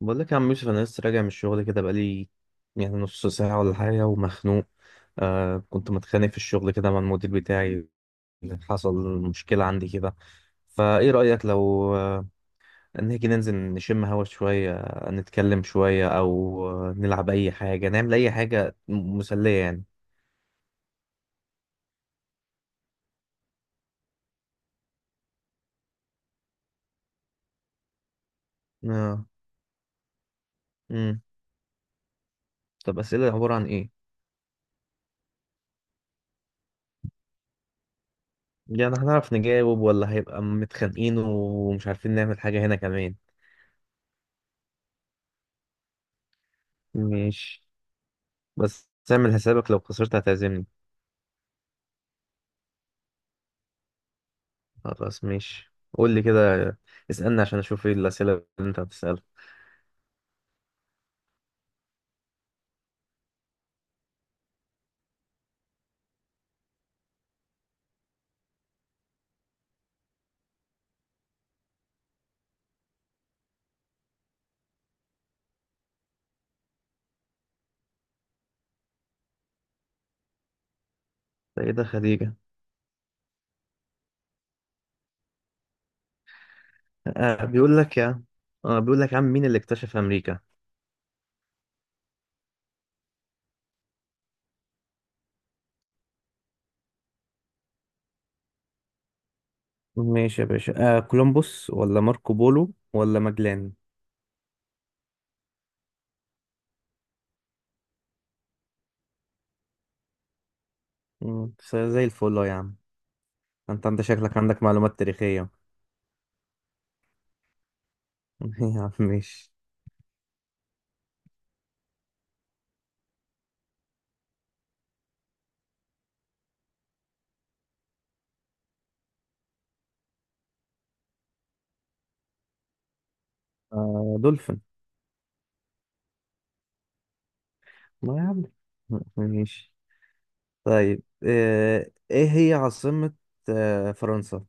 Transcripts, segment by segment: بقول لك يا عم يوسف، انا لسه راجع من الشغل كده بقالي يعني نص ساعه ولا حاجه ومخنوق. آه، كنت متخانق في الشغل كده مع المدير بتاعي. حصل مشكله عندي كده. فايه رايك لو نيجي ننزل نشم هوا شويه، نتكلم شويه او نلعب اي حاجه، نعمل اي حاجه مسليه يعني. اه. امم طب اسئله عباره عن ايه؟ يعني هنعرف نجاوب ولا هيبقى متخانقين ومش عارفين نعمل حاجه هنا كمان؟ ماشي، بس تعمل حسابك لو خسرت هتعزمني. خلاص ماشي، قول لي كده. اسألني عشان اشوف ايه الأسئلة اللي انت هتسألها. ده ايه ده؟ خديجة. بيقول لك يا، اه بيقول لك يا عم، مين اللي اكتشف أمريكا؟ ماشي يا باشا، كولومبوس ولا ماركو بولو ولا ماجلان؟ زي الفل أهو يا عم. انت شكلك عندك معلومات تاريخية. يا عم ماشي. آه، دولفين. ما يا عم، ماشي. طيب، آه ايه هي عاصمة فرنسا؟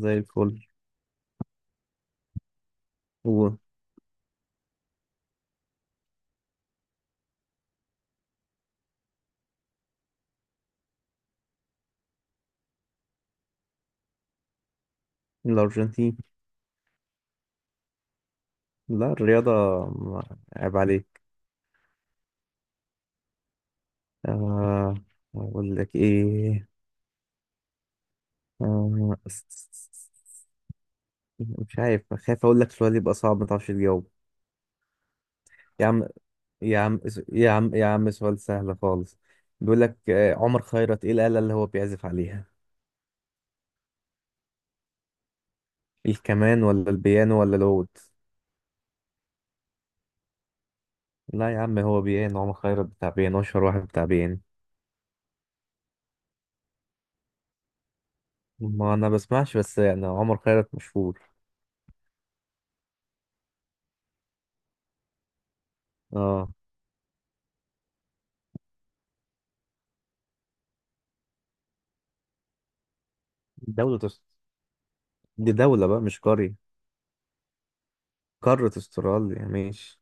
زي الفل. هو الأرجنتين. لا الرياضة، عيب عليك. آه أقول لك إيه؟ آه مش عارف، خايف أقول لك سؤال يبقى صعب ما تعرفش تجاوب. يا عم، يا عم، يا عم يا عم سؤال سهل خالص. بيقول لك عمر خيرت إيه الآلة اللي هو بيعزف عليها؟ الكمان ولا البيانو ولا العود؟ لا يا عم، هو بيانو. عمر خيرت بتاع بيانو، أشهر واحد بتاع بيانو. ما أنا بسمعش، بس يعني عمر خيرت مشهور. آه دولة أس- دي دولة بقى مش قرية. قارة استراليا ماشي.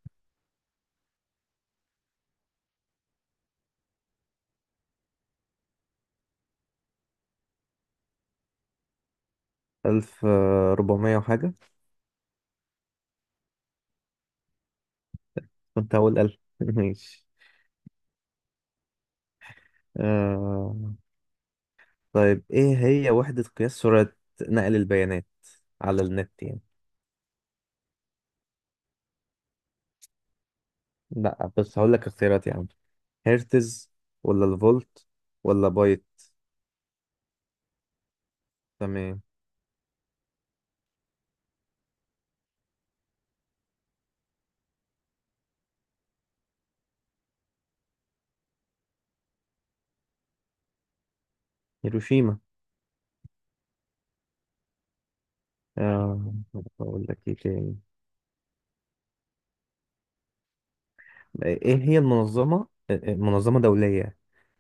ألف، ربعمية وحاجة. كنت هقول ألف ماشي. آه... طيب، إيه هي وحدة قياس سرعة نقل البيانات على النت يعني؟ لأ بس هقول لك اختيارات يا عم. هرتز ولا الفولت ولا بايت؟ تمام. هيروشيما. آه... أقول لك إيه تاني؟ إيه هي المنظمة، منظمة دولية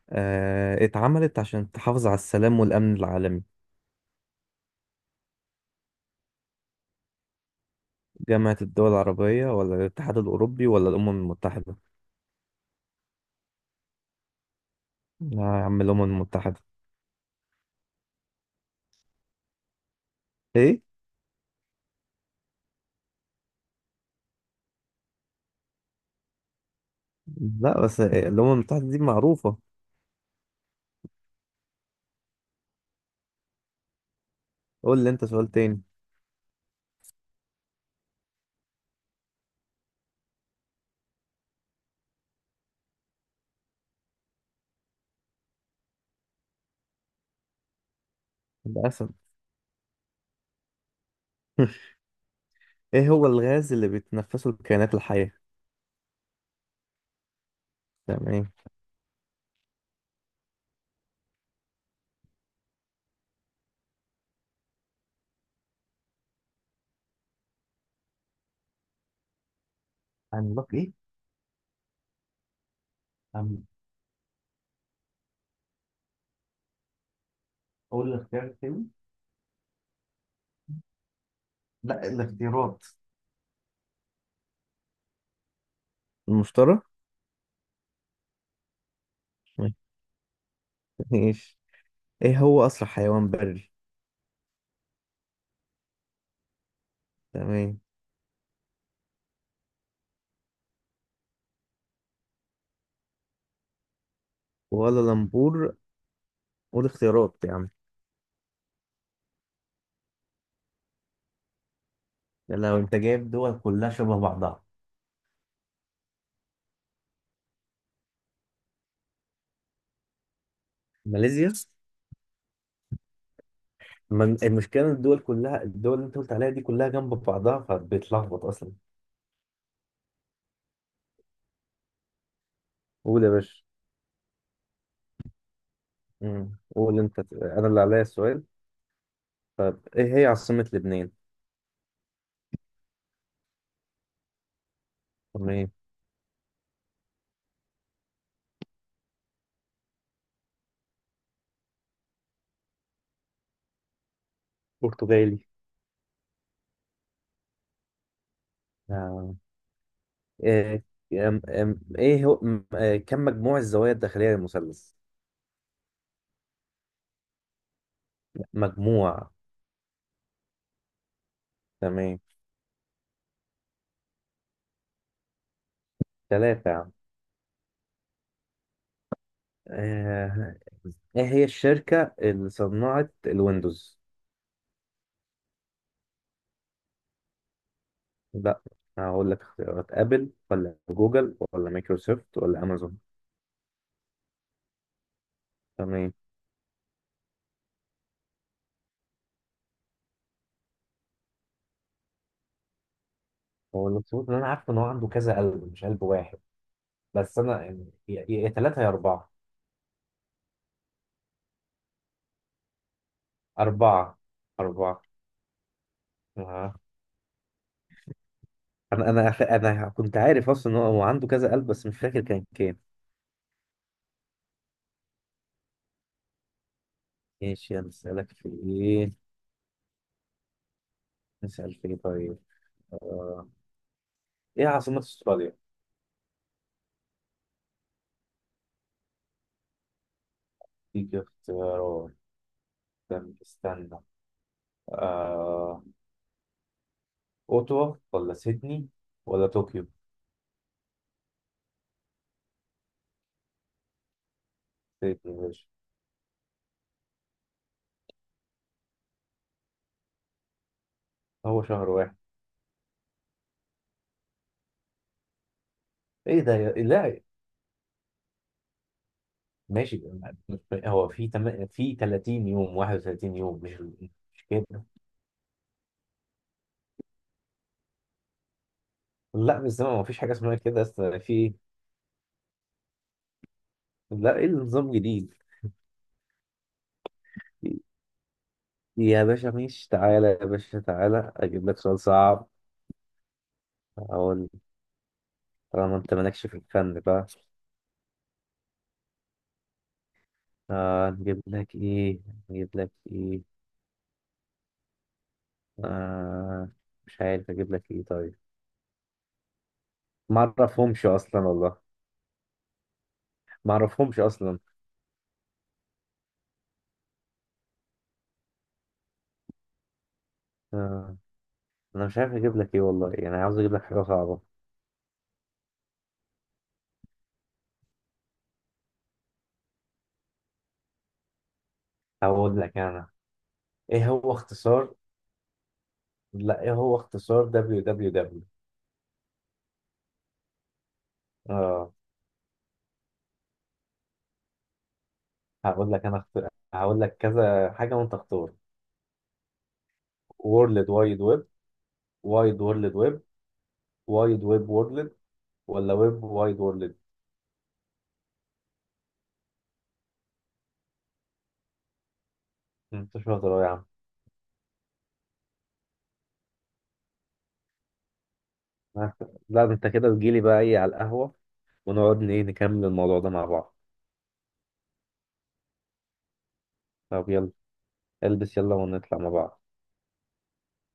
اتعملت عشان تحافظ على السلام والأمن العالمي؟ جامعة الدول العربية ولا الاتحاد الأوروبي ولا الأمم المتحدة؟ لا يا عم، الأمم المتحدة. إيه؟ لا بس إيه، الأمم المتحدة دي معروفة. قول لي أنت سؤال تاني. للأسف. إيه هو الغاز اللي بتتنفسه الكائنات الحية؟ تمام. عملاق ايه؟ عم، قول الاختيار التاني. لا، الاختيارات. المشتري. ماشي. إيه هو أسرع حيوان بري؟ تمام. ولا لمبور. قول اختيارات يا عم. يا لو أنت جايب دول كلها شبه بعضها. ماليزيا. من المشكله إن الدول كلها، الدول اللي انت قلت عليها دي كلها جنب بعضها، فبتلخبط اصلا. قول يا باشا. قول انت، انا اللي عليا السؤال. طب ايه هي عاصمة لبنان؟ تمام. برتغالي. آه. آه، ايه هو كم مجموع الزوايا الداخلية للمثلث؟ مجموعه. تمام. ثلاثة يا عم. آه، ايه هي الشركة اللي صنعت الويندوز؟ لا، هقول لك اختيارات. ابل ولا جوجل ولا مايكروسوفت ولا امازون؟ تمام. هو الاخطبوط اللي انا عارفه ان هو عنده كذا قلب، مش قلب واحد. بس انا يعني يا ثلاثه يا اربعه. اربعه. اربعه. آه. انا كنت عارف اصلا ان هو هو عنده كذا قلب، بس مش فاكر كان كام. ماشي، هنسالك في ايه؟ نسال في ايه طيب؟ آه. ايه عاصمه استراليا؟ دي اختيارات. استنى استنى. آه. اوتوا ولا سيدني ولا طوكيو؟ سيدني يا باشا. هو شهر واحد. ايه ده يا، لا. ماشي، هو في، في 30 يوم، 31 يوم، مش كده. لا بس ما فيش حاجه اسمها كده. اصل في إيه؟ لا، ايه النظام الجديد؟ يا باشا ماشي، تعالى يا باشا، تعالى اجيب لك سؤال صعب. اقول، طالما انت مالكش في الفن بقى، نجيب لك ايه؟ نجيب لك ايه؟ آه مش عارف اجيب لك ايه طيب. ما اعرفهمش اصلا والله. ما اعرفهمش اصلا. آه انا مش عارف اجيب لك ايه والله، يعني عاوز اجيب لك حاجه صعبه. هقول لك انا، ايه هو اختصار، لا ايه هو اختصار دبليو دبليو دبليو؟ اه. هقول لك انا هقول لك كذا حاجه وانت اختار. وورلد وايد ويب، وايد وورلد ويب، وايد ويب وورلد، ولا ويب وايد وورلد؟ انت شاطر أوي يا عم. آه، لا ده انت كده تجيلي بقى ايه على القهوه، ونقعد ايه نكمل الموضوع ده مع بعض. طب يلا. البس يلا ونطلع مع بعض.